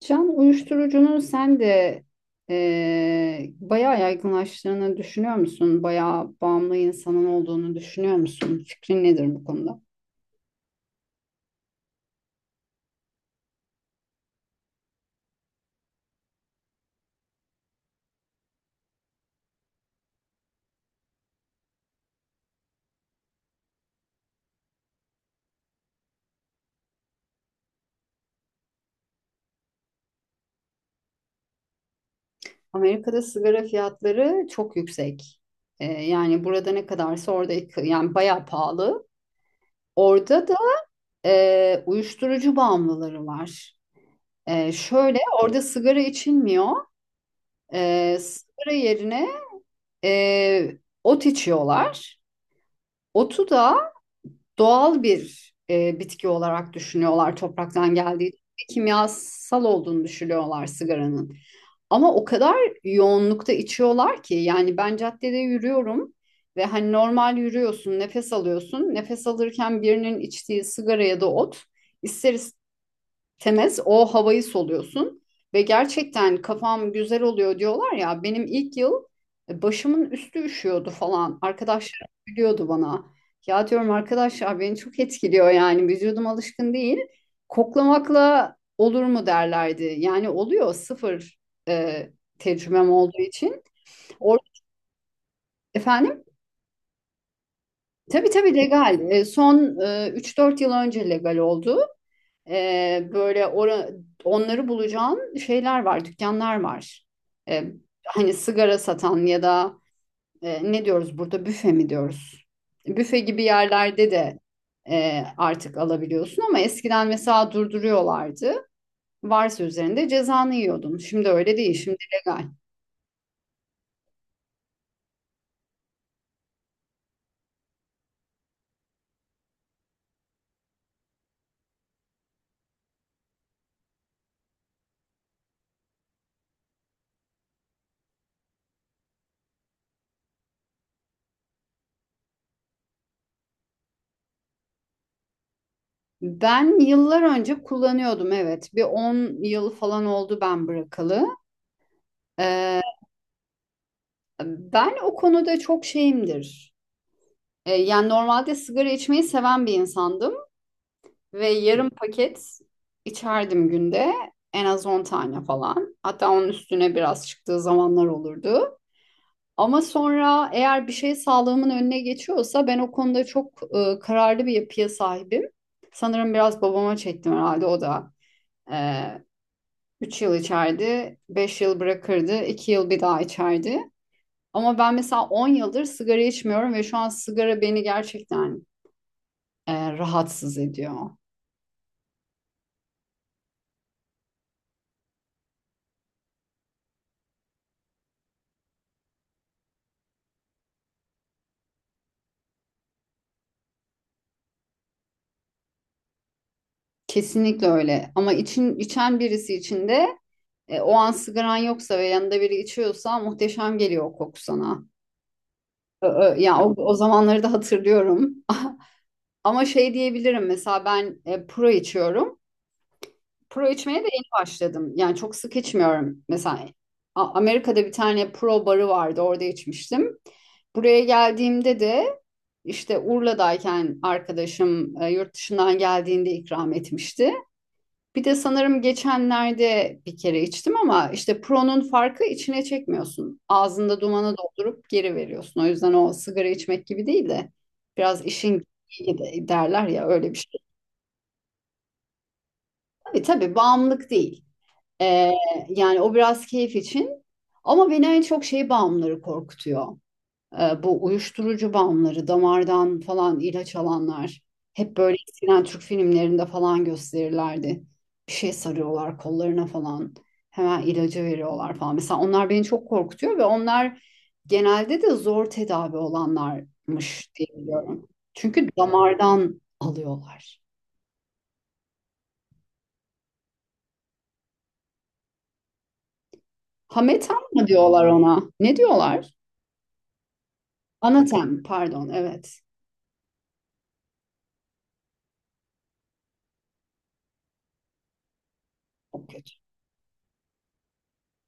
Can uyuşturucunun sen de bayağı yaygınlaştığını düşünüyor musun? Bayağı bağımlı insanın olduğunu düşünüyor musun? Fikrin nedir bu konuda? Amerika'da sigara fiyatları çok yüksek. Yani burada ne kadarsa orada yani bayağı pahalı. Orada da uyuşturucu bağımlıları var. Şöyle orada sigara içilmiyor. Sigara yerine eee, ot içiyorlar. Otu da doğal bir bitki olarak düşünüyorlar topraktan geldiği için. Kimyasal olduğunu düşünüyorlar sigaranın. Ama o kadar yoğunlukta içiyorlar ki yani ben caddede yürüyorum ve hani normal yürüyorsun, nefes alıyorsun. Nefes alırken birinin içtiği sigara ya da ot ister istemez temiz o havayı soluyorsun ve gerçekten kafam güzel oluyor diyorlar ya. Benim ilk yıl başımın üstü üşüyordu falan, arkadaşlarım gülüyordu bana. Ya diyorum arkadaşlar beni çok etkiliyor, yani vücudum alışkın değil. Koklamakla olur mu derlerdi. Yani oluyor, sıfır e, tecrübem olduğu için. Or- Efendim? Tabii tabii, legal. Son 3-4 yıl önce legal oldu. Böyle onları bulacağın şeyler var, dükkanlar var. Ee, hani sigara satan ya da ne diyoruz burada, büfe mi diyoruz? Büfe gibi yerlerde de artık alabiliyorsun, ama eskiden mesela durduruyorlardı. Varsa üzerinde cezanı yiyordun. Şimdi öyle değil, şimdi legal. Ben yıllar önce kullanıyordum, evet. Bir 10 yıl falan oldu ben bırakalı. Ee, ben o konuda çok şeyimdir. Yani normalde sigara içmeyi seven bir insandım ve yarım paket içerdim günde. En az 10 tane falan. Hatta onun üstüne biraz çıktığı zamanlar olurdu. Ama sonra eğer bir şey sağlığımın önüne geçiyorsa, ben o konuda çok kararlı bir yapıya sahibim. Sanırım biraz babama çektim herhalde, o da. e, 3 yıl içerdi, 5 yıl bırakırdı, 2 yıl bir daha içerdi. Ama ben mesela 10 yıldır sigara içmiyorum ve şu an sigara beni gerçekten rahatsız ediyor. Kesinlikle öyle. Ama içen birisi için de o an sigaran yoksa ve yanında biri içiyorsa muhteşem geliyor o koku sana. Ya o zamanları da hatırlıyorum. Ama şey diyebilirim, mesela ben pro içiyorum. Pro içmeye de yeni başladım. Yani çok sık içmiyorum. Mesela Amerika'da bir tane pro barı vardı. Orada içmiştim. Buraya geldiğimde de işte Urla'dayken arkadaşım yurt dışından geldiğinde ikram etmişti. Bir de sanırım geçenlerde bir kere içtim, ama işte Pro'nun farkı, içine çekmiyorsun. Ağzında dumanı doldurup geri veriyorsun. O yüzden o sigara içmek gibi değil de biraz işin gereği de derler ya, öyle bir şey. Tabii tabii, bağımlılık değil. Ee, yani o biraz keyif için. Ama beni en çok şey bağımlıları korkutuyor. Bu uyuşturucu bağımlıları, damardan falan ilaç alanlar. Hep böyle eskiden Türk filmlerinde falan gösterirlerdi. Bir şey sarıyorlar kollarına falan. Hemen ilacı veriyorlar falan. Mesela onlar beni çok korkutuyor ve onlar genelde de zor tedavi olanlarmış diye biliyorum. Çünkü damardan alıyorlar. Hametan mı diyorlar ona? Ne diyorlar? Anatem, pardon, evet. Çok kötü.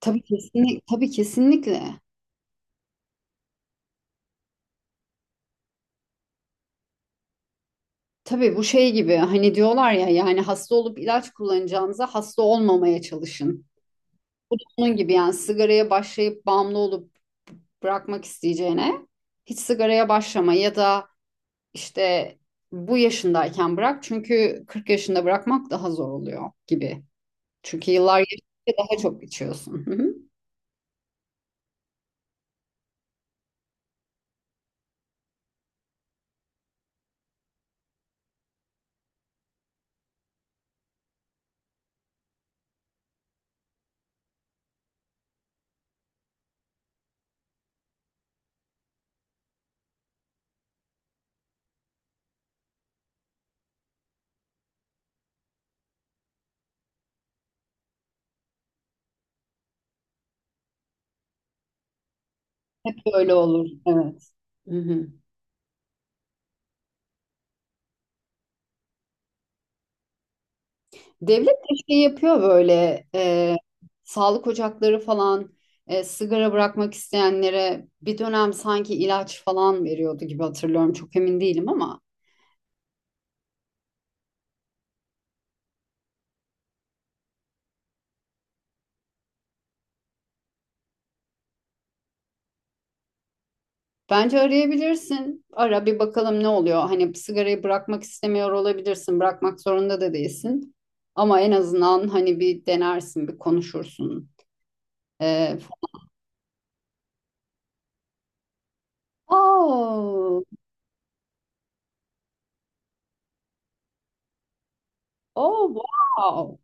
Tabii kesinlikle, tabii kesinlikle. Tabii, bu şey gibi. Hani diyorlar ya, yani hasta olup ilaç kullanacağınıza hasta olmamaya çalışın. Bu da onun gibi. Yani sigaraya başlayıp bağımlı olup bırakmak isteyeceğine hiç sigaraya başlama, ya da işte bu yaşındayken bırak çünkü 40 yaşında bırakmak daha zor oluyor gibi. Çünkü yıllar geçtikçe daha çok içiyorsun. Hı hı. Öyle olur. Evet. Hı hı. Devlet de şey yapıyor böyle, sağlık ocakları falan, sigara bırakmak isteyenlere bir dönem sanki ilaç falan veriyordu gibi hatırlıyorum. Çok emin değilim, ama bence arayabilirsin. Ara bir bakalım ne oluyor. Hani sigarayı bırakmak istemiyor olabilirsin. Bırakmak zorunda da değilsin. Ama en azından hani bir denersin, bir konuşursun. E, oh. Oh wow.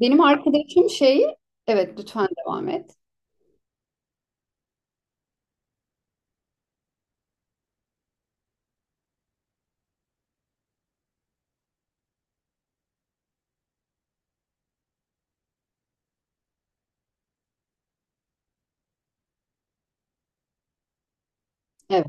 Benim arkadaşım şeyi, evet lütfen devam et. Evet,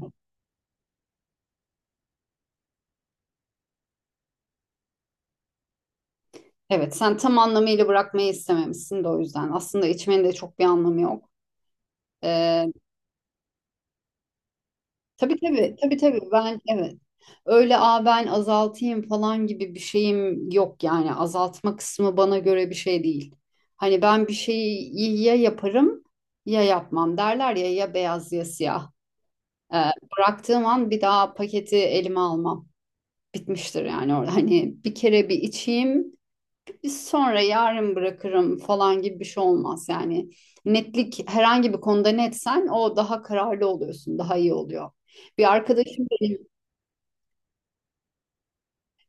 evet. Sen tam anlamıyla bırakmayı istememişsin de o yüzden. Aslında içmenin de çok bir anlamı yok. Ee, Tabii tabii tabii tabii ben, evet, öyle. Ben azaltayım falan gibi bir şeyim yok. Yani azaltma kısmı bana göre bir şey değil. Hani ben bir şeyi ya yaparım ya yapmam derler ya, ya beyaz ya siyah. Ee, bıraktığım an bir daha paketi elime almam, bitmiştir yani. Orada hani bir kere bir içeyim, biz sonra yarın bırakırım falan gibi bir şey olmaz yani. Netlik. Herhangi bir konuda netsen o daha kararlı oluyorsun, daha iyi oluyor. Bir arkadaşım benim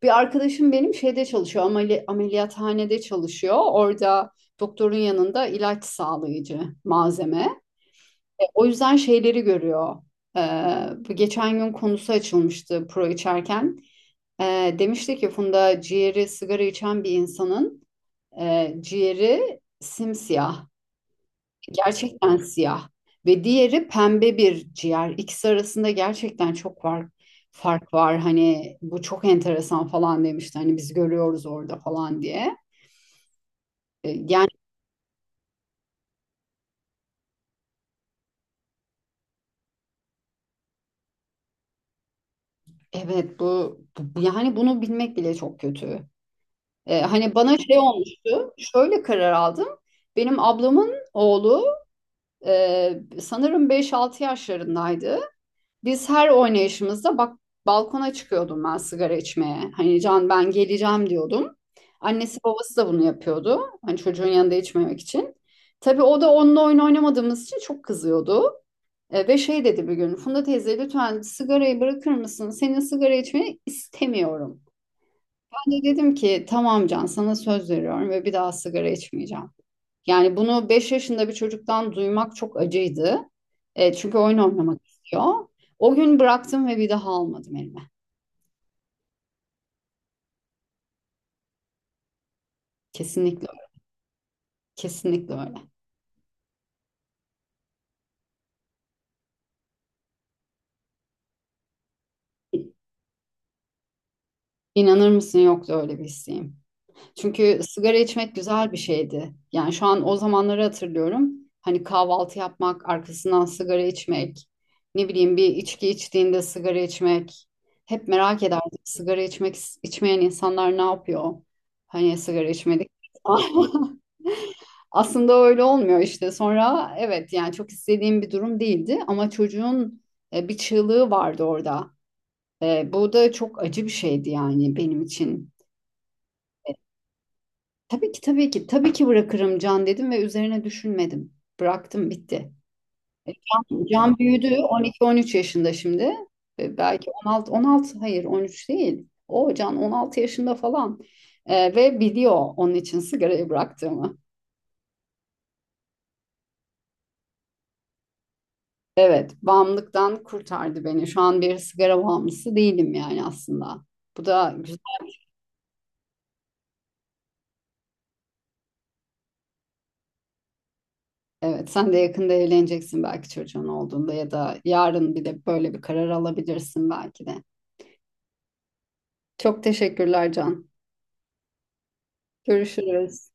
Bir arkadaşım benim şeyde çalışıyor, ameliyathanede çalışıyor. Orada doktorun yanında ilaç sağlayıcı malzeme. O yüzden şeyleri görüyor. Ee, bu geçen gün konusu açılmıştı pro içerken. Demişti ki, Funda, ciğeri sigara içen bir insanın ciğeri simsiyah. Gerçekten siyah ve diğeri pembe bir ciğer. İkisi arasında gerçekten çok fark var. Hani bu çok enteresan falan demişti. Hani biz görüyoruz orada falan diye. Yani evet, yani bunu bilmek bile çok kötü. Hani bana şey olmuştu. Şöyle karar aldım. Benim ablamın oğlu sanırım 5-6 yaşlarındaydı. Biz her oynayışımızda bak, balkona çıkıyordum ben sigara içmeye. Hani Can ben geleceğim diyordum. Annesi babası da bunu yapıyordu. Hani çocuğun yanında içmemek için. Tabii o da onunla oyun oynamadığımız için çok kızıyordu. Ve şey dedi bir gün: Funda teyze lütfen sigarayı bırakır mısın? Senin sigara içmeni istemiyorum. Ben de dedim ki, tamam Can, sana söz veriyorum ve bir daha sigara içmeyeceğim. Yani bunu 5 yaşında bir çocuktan duymak çok acıydı. Çünkü oyun oynamak istiyor. O gün bıraktım ve bir daha almadım elime. Kesinlikle öyle. Kesinlikle öyle. İnanır mısın, yoktu öyle bir isteğim. Çünkü sigara içmek güzel bir şeydi. Yani şu an o zamanları hatırlıyorum. Hani kahvaltı yapmak, arkasından sigara içmek, ne bileyim bir içki içtiğinde sigara içmek. Hep merak ederdim, sigara içmek içmeyen insanlar ne yapıyor? Hani sigara içmedik. Aslında öyle olmuyor işte. Sonra evet, yani çok istediğim bir durum değildi, ama çocuğun bir çığlığı vardı orada. Bu da çok acı bir şeydi yani benim için. Tabii ki tabii ki tabii ki bırakırım Can dedim ve üzerine düşünmedim. Bıraktım, bitti. Can büyüdü, 12-13 yaşında şimdi. Belki 16, 16, hayır 13 değil. O Can 16 yaşında falan. Ve biliyor onun için sigarayı bıraktığımı. Evet, bağımlılıktan kurtardı beni. Şu an bir sigara bağımlısı değilim yani aslında. Bu da güzel. Evet, sen de yakında evleneceksin, belki çocuğun olduğunda ya da yarın bir de böyle bir karar alabilirsin belki de. Çok teşekkürler Can. Görüşürüz.